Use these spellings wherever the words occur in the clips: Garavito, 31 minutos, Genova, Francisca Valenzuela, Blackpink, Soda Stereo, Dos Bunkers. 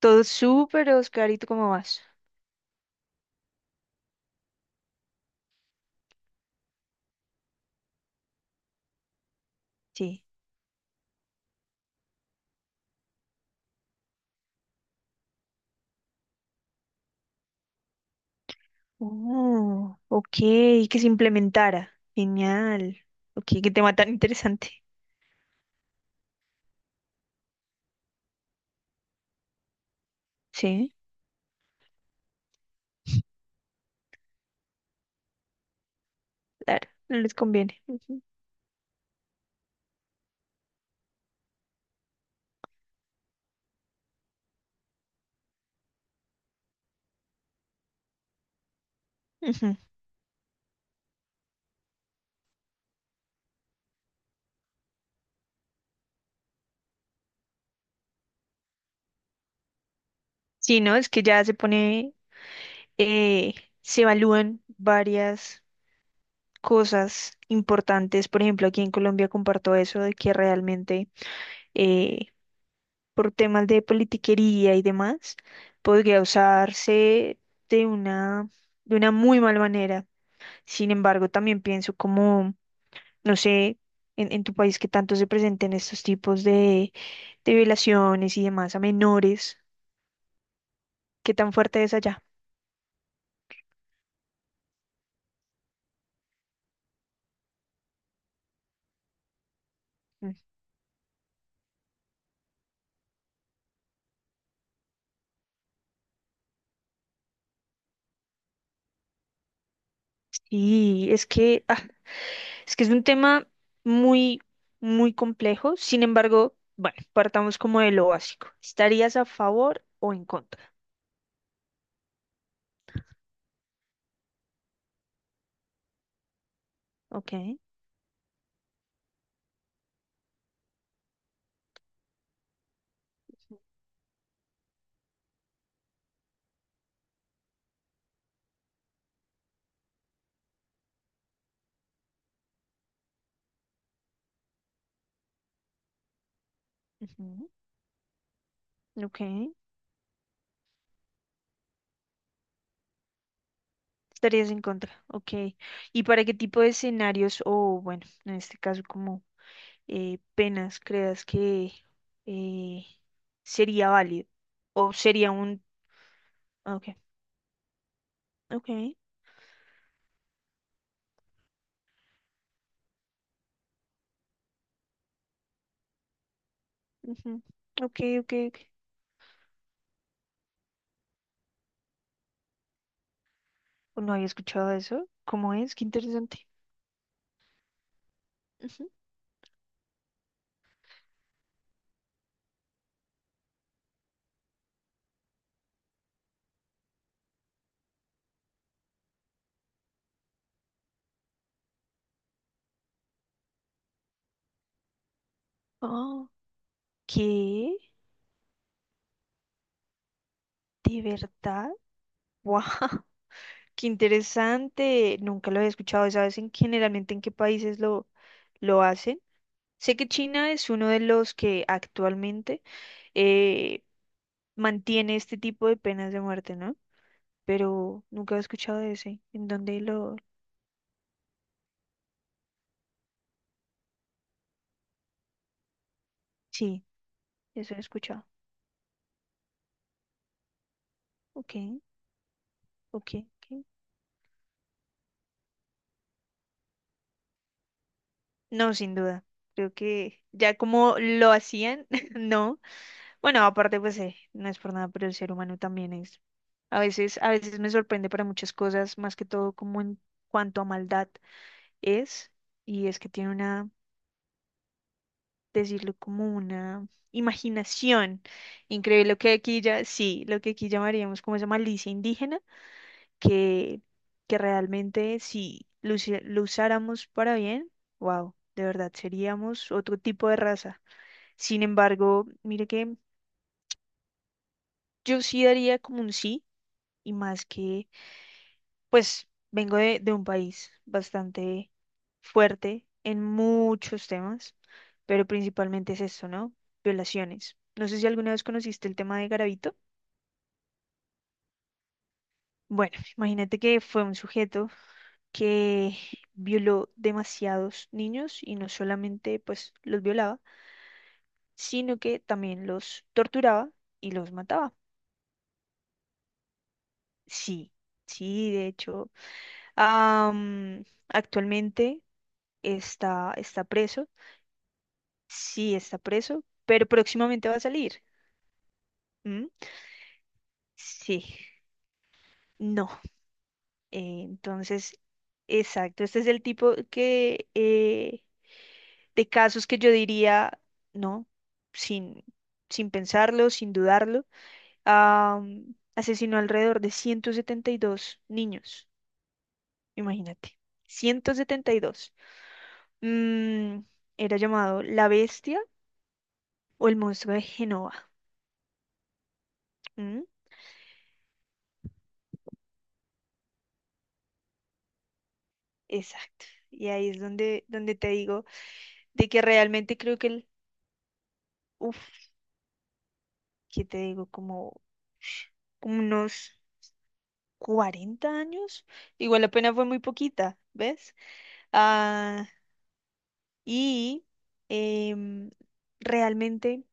Todo súper, Oscar. ¿Y tú cómo vas? Sí. Oh, ok, que se implementara. Genial. Ok, qué tema tan interesante. Sí, claro, no les conviene. Ujú, ujú. Sí, ¿no? Es que ya se pone, eh, se evalúan varias cosas importantes. Por ejemplo, aquí en Colombia comparto eso de que realmente eh, por temas de politiquería y demás, podría usarse de una, de una muy mala manera. Sin embargo, también pienso como, no sé, en tu país que tanto se presenten estos tipos de violaciones y demás a menores, qué tan fuerte es allá. Mm. Y es que es un tema muy, muy complejo. Sin embargo, bueno, partamos como de lo básico. ¿Estarías a favor o en contra? Ok. Ujú. Ok. Estarías en contra. Ok. ¿Y para qué tipo de escenarios o, bueno, en este caso, como penas creas que eh, sería válido o sería un... Ah, ok, ok, ujú, ok, ok, ok. O no había escuchado eso. ¿Cómo es? Qué interesante. Ujú. Oh, ¿qué? ¿De verdad? ¡Wow! ¡Qué interesante! Nunca lo había escuchado. ¿Sabes en generalmente en qué países lo hacen? Sé que China es uno de los que actualmente eh, mantiene este tipo de penas de muerte, ¿no? Pero nunca he escuchado de ese. ¿En dónde lo...? Sí, eso he escuchado. Ok, ok, ok. No, sin duda. Creo que ya como lo hacían, no. Bueno, aparte, pues no es por nada, pero el ser humano también es. A veces, me sorprende para muchas cosas, más que todo como en cuanto a maldad es, y es que tiene una, decirlo como una imaginación increíble, lo que aquí ya, sí, lo que aquí llamaríamos como esa malicia indígena que, que realmente si lo, lo usáramos para bien, wow, de verdad seríamos otro tipo de raza. Sin embargo, mire que yo sí daría como un sí, y más que, pues, vengo de un país bastante fuerte en muchos temas, pero principalmente es esto, ¿no? Violaciones. No sé si alguna vez conociste el tema de Garavito. Bueno, imagínate que fue un sujeto que violó demasiados niños, y no solamente pues los violaba, sino que también los torturaba y los mataba. Sí, sí, de hecho, actualmente está preso, sí está preso, pero próximamente va a salir. ¿Mm? Sí, no. Entonces, exacto, este es el tipo de casos que yo diría, no, sin, sin pensarlo, sin dudarlo, asesinó alrededor de 172 niños, imagínate, 172. Mm, Era llamado la bestia o el monstruo de Genova. ¿Mm? Exacto. Y ahí es donde te digo de que realmente creo que el, uff, ¿qué te digo? Como unos 40 años. Igual la pena fue muy poquita, ¿ves? ah Y em, realmente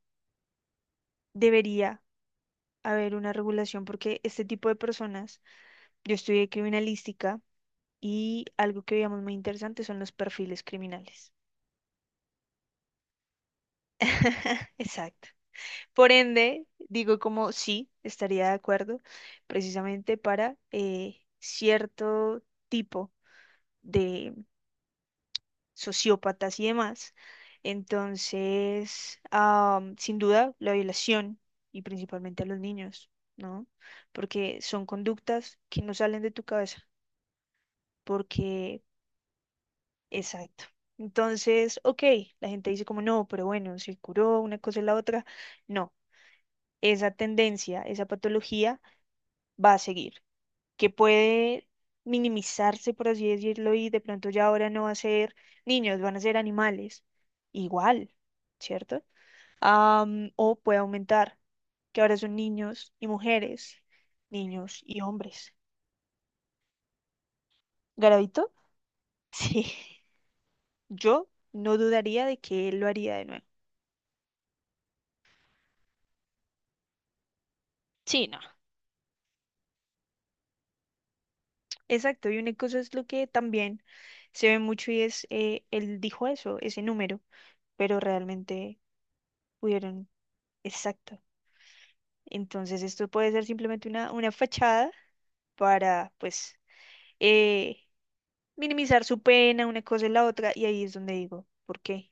debería haber una regulación porque este tipo de personas, yo estudié criminalística y algo que veíamos muy interesante son los perfiles criminales. Exacto. Por ende, digo como sí, estaría de acuerdo precisamente para cierto tipo de sociópatas y demás. Entonces, sin duda, la violación y principalmente a los niños, ¿no? Porque son conductas que no salen de tu cabeza, porque, exacto. Entonces, ok, la gente dice como no, pero bueno, se curó una cosa y la otra. No, esa tendencia, esa patología va a seguir, que puede minimizarse, por así decirlo, y de pronto ya ahora no va a ser niños, van a ser animales. Igual. ¿Cierto? O puede aumentar, que ahora son niños y mujeres, niños y hombres. ¿Garavito? Sí, yo no dudaría de que él lo haría de nuevo. Sí, no. Exacto, y una cosa es lo que también se ve mucho y es, él dijo eso, ese número, pero realmente pudieron, exacto. Entonces esto puede ser simplemente una fachada para, pues, eh, minimizar su pena, una cosa y la otra, y ahí es donde digo, ¿por qué?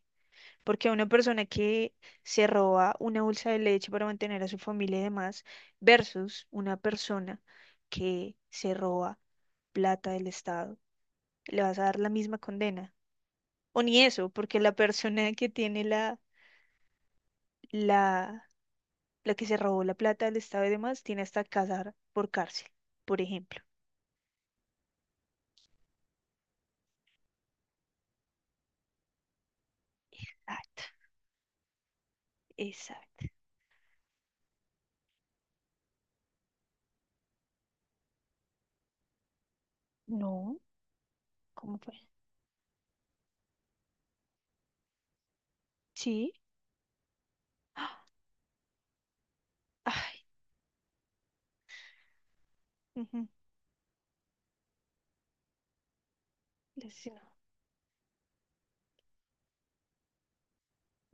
Porque a una persona que se roba una bolsa de leche para mantener a su familia y demás, versus una persona que se roba plata del Estado, le vas a dar la misma condena. O ni eso, porque la persona que tiene la, la que se robó la plata del Estado y demás, tiene hasta casar por cárcel, por ejemplo. Exacto, exacto. No, ¿cómo fue? Sí. ¡Ah! Ay, ujú, le asesinó.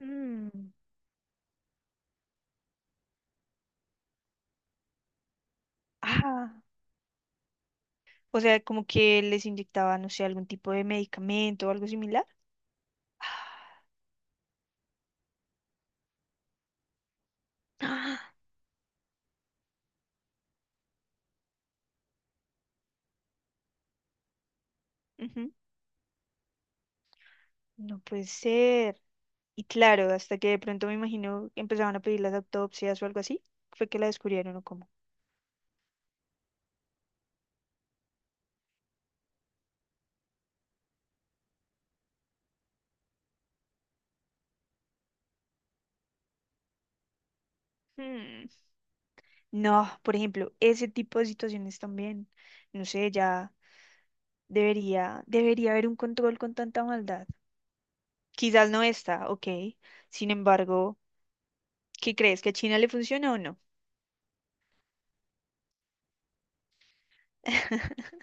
Mm, Ah, o sea, como que les inyectaba, no sé, algún tipo de medicamento o algo similar. Ah, ujú, no puede ser. Y claro, hasta que de pronto me imagino que empezaban a pedir las autopsias o algo así, fue que la descubrieron o cómo. Hmm, No, por ejemplo, ese tipo de situaciones también, no sé, ya debería haber un control con tanta maldad. Quizás no está, ok. Sin embargo, ¿qué crees? ¿Que a China le funciona o no?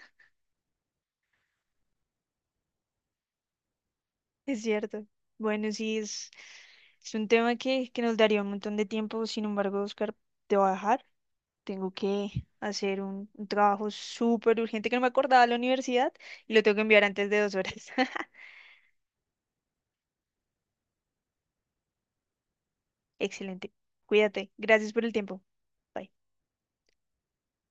Es cierto. Bueno, sí, es un tema que nos daría un montón de tiempo. Sin embargo, Oscar, te voy a dejar. Tengo que hacer un trabajo súper urgente que no me acordaba de la universidad y lo tengo que enviar antes de 2 horas. Excelente. Cuídate. Gracias por el tiempo. Bye.